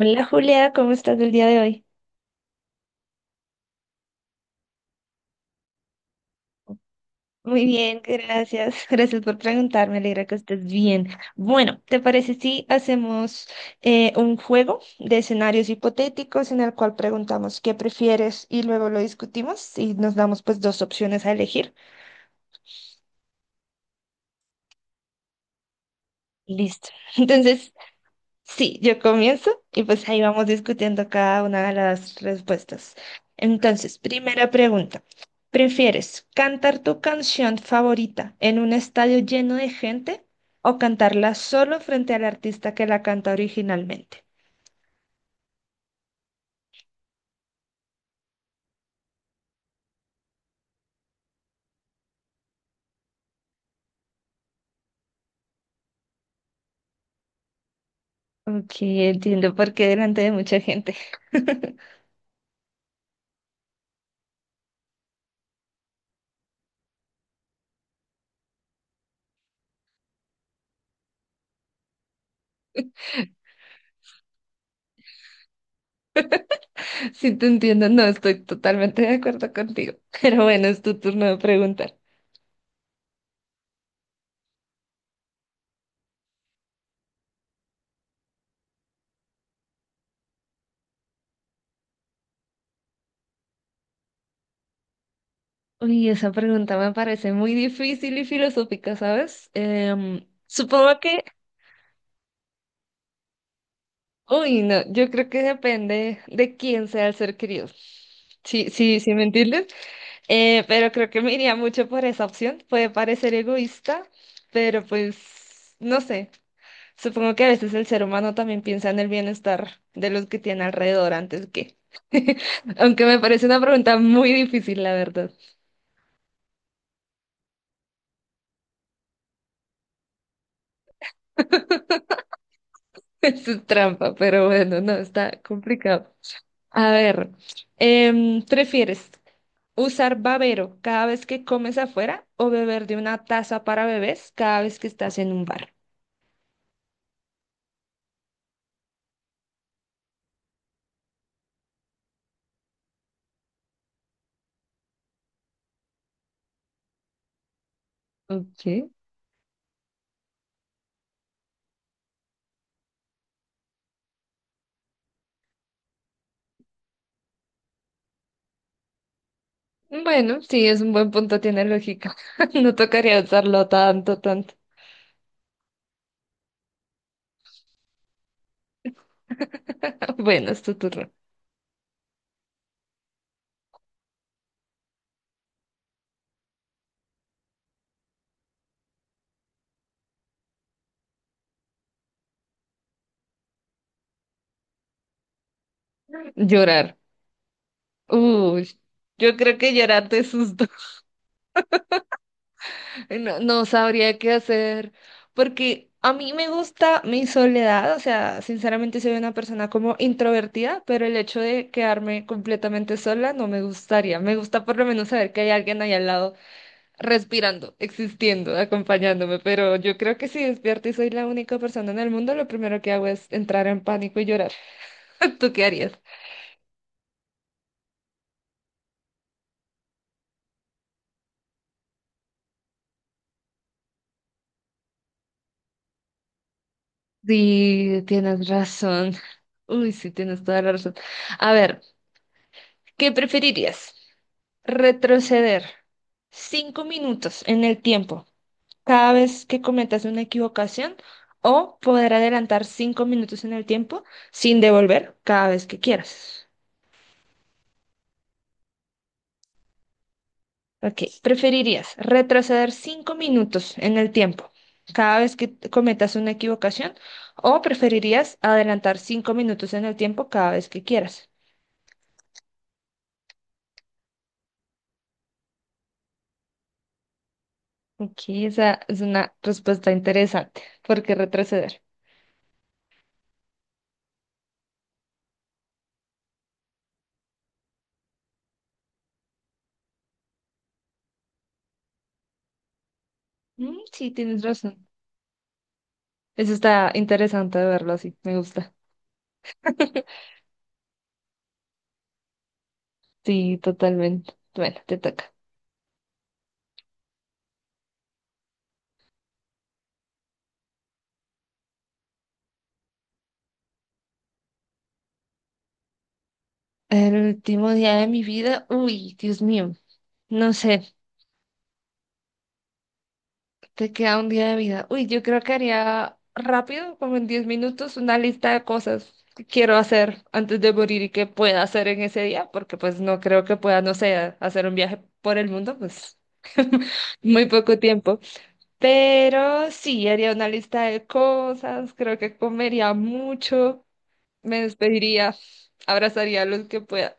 Hola Julia, ¿cómo estás el día de hoy? Muy bien, gracias. Gracias por preguntarme, me alegra que estés bien. Bueno, ¿te parece si hacemos un juego de escenarios hipotéticos en el cual preguntamos qué prefieres y luego lo discutimos y nos damos pues dos opciones a elegir? Listo. Entonces, sí, yo comienzo y pues ahí vamos discutiendo cada una de las respuestas. Entonces, primera pregunta. ¿Prefieres cantar tu canción favorita en un estadio lleno de gente o cantarla solo frente al artista que la canta originalmente? Ok, entiendo por qué delante de mucha gente. Sí, te entiendo, no estoy totalmente de acuerdo contigo. Pero bueno, es tu turno de preguntar. Uy, esa pregunta me parece muy difícil y filosófica, ¿sabes? Supongo que, uy, no, yo creo que depende de quién sea el ser querido. Sí, sí, sí, ¿me entiendes? Pero creo que me iría mucho por esa opción. Puede parecer egoísta, pero pues, no sé. Supongo que a veces el ser humano también piensa en el bienestar de los que tiene alrededor antes que. Aunque me parece una pregunta muy difícil, la verdad. Eso es trampa, pero bueno, no, está complicado. A ver, ¿prefieres usar babero cada vez que comes afuera o beber de una taza para bebés cada vez que estás en un bar? Ok. Bueno, sí, es un buen punto, tiene lógica. No tocaría usarlo tanto, tanto. Bueno, es tu turno. Llorar. Uy, yo creo que llorar de susto. No, no sabría qué hacer, porque a mí me gusta mi soledad, o sea, sinceramente soy una persona como introvertida, pero el hecho de quedarme completamente sola no me gustaría. Me gusta por lo menos saber que hay alguien ahí al lado respirando, existiendo, acompañándome, pero yo creo que si despierto y soy la única persona en el mundo, lo primero que hago es entrar en pánico y llorar. ¿Tú qué harías? Sí, tienes razón. Uy, sí, tienes toda la razón. A ver, ¿qué preferirías? Retroceder 5 minutos en el tiempo cada vez que cometas una equivocación o poder adelantar 5 minutos en el tiempo sin devolver cada vez que quieras. Ok, ¿preferirías retroceder cinco minutos en el tiempo cada vez que cometas una equivocación o preferirías adelantar 5 minutos en el tiempo cada vez que quieras? Ok, esa es una respuesta interesante. ¿Por qué retroceder? Mm, sí, tienes razón. Eso está interesante de verlo así, me gusta. Sí, totalmente. Bueno, te toca. El último día de mi vida, uy, Dios mío, no sé, te queda un día de vida. Uy, yo creo que haría rápido, como en 10 minutos, una lista de cosas que quiero hacer antes de morir y que pueda hacer en ese día, porque pues no creo que pueda, no sé, hacer un viaje por el mundo, pues muy poco tiempo. Pero sí, haría una lista de cosas, creo que comería mucho. Me despediría, abrazaría a los que pueda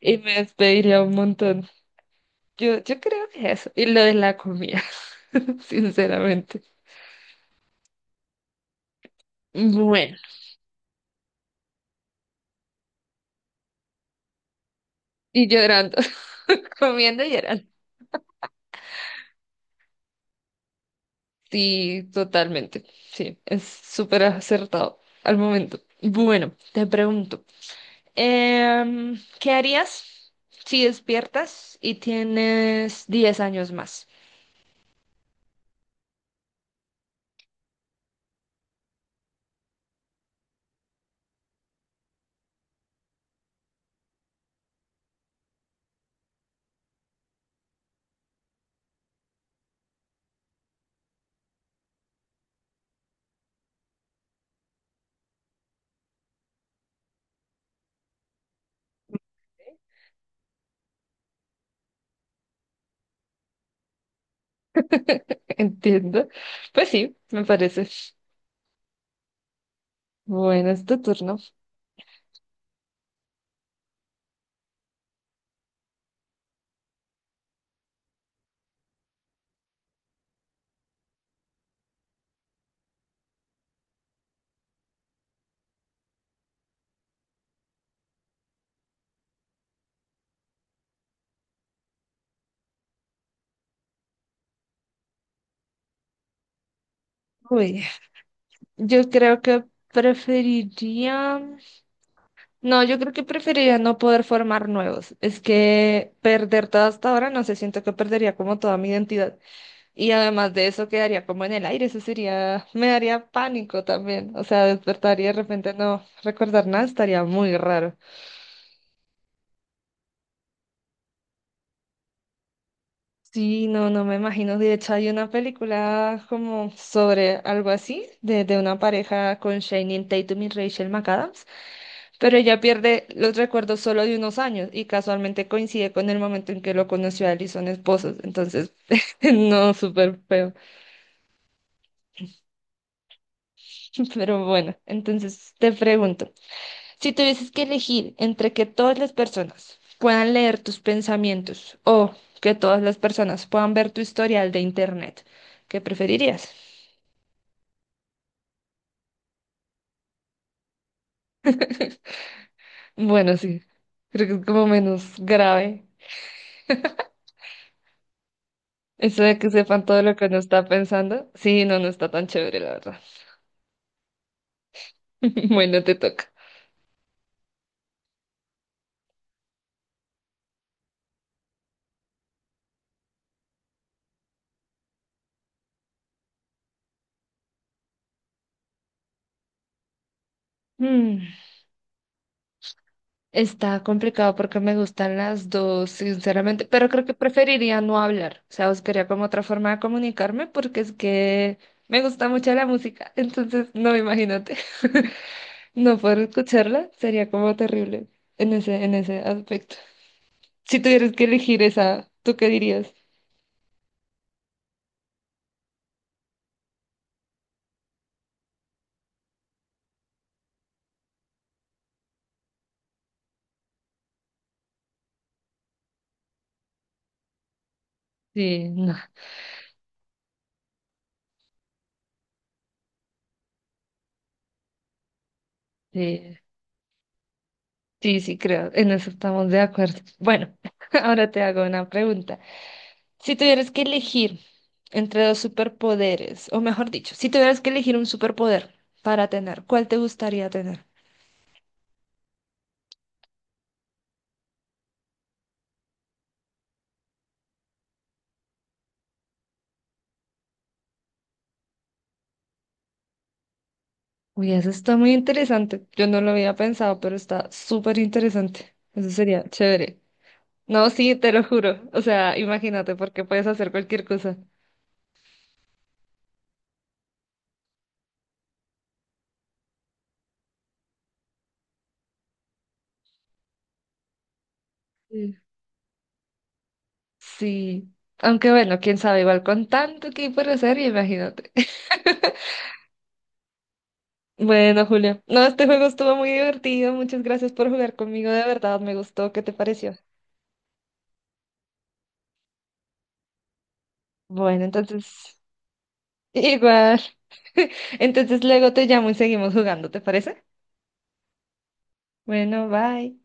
y me despediría un montón. Yo creo que eso. Y lo de la comida, sinceramente. Bueno, y llorando, comiendo y llorando. Sí, totalmente. Sí, es súper acertado al momento. Bueno, te pregunto, ¿qué harías si despiertas y tienes 10 años más? Entiendo. Pues sí, me parece. Bueno, es tu turno. Uy, yo creo que preferiría, no, yo creo que preferiría no poder formar nuevos. Es que perder todo hasta ahora, no sé, siento que perdería como toda mi identidad. Y además de eso quedaría como en el aire, eso sería, me daría pánico también. O sea, despertaría y de repente no recordar nada, estaría muy raro. Sí, no, no me imagino. De hecho, hay una película como sobre algo así, de una pareja con Channing Tatum y Rachel McAdams, pero ella pierde los recuerdos solo de unos años y casualmente coincide con el momento en que lo conoció a él y son esposos. Entonces, no, súper feo. Pero bueno, entonces te pregunto, si tuvieses que elegir entre que todas las personas puedan leer tus pensamientos o que todas las personas puedan ver tu historial de internet, ¿qué preferirías? Bueno, sí, creo que es como menos grave. Eso de que sepan todo lo que uno está pensando, sí, no, no está tan chévere, la verdad. Bueno, te toca. Mm, Está complicado porque me gustan las dos, sinceramente, pero creo que preferiría no hablar. O sea, buscaría como otra forma de comunicarme porque es que me gusta mucho la música, entonces no, imagínate. No poder escucharla sería como terrible en ese aspecto. Si tuvieras que elegir esa, ¿tú qué dirías? Sí, no. Sí, sí, sí, creo, en eso estamos de acuerdo. Bueno, ahora te hago una pregunta. Si tuvieras que elegir entre dos superpoderes, o mejor dicho, si tuvieras que elegir un superpoder para tener, ¿cuál te gustaría tener? Uy, eso está muy interesante. Yo no lo había pensado, pero está súper interesante. Eso sería chévere. No, sí, te lo juro. O sea, imagínate, porque puedes hacer cualquier cosa. Sí. Sí. Aunque bueno, quién sabe, igual con tanto que hay por hacer, imagínate. Bueno, Julio. No, este juego estuvo muy divertido. Muchas gracias por jugar conmigo. De verdad, me gustó. ¿Qué te pareció? Bueno, entonces, igual. Entonces luego te llamo y seguimos jugando, ¿te parece? Bueno, bye.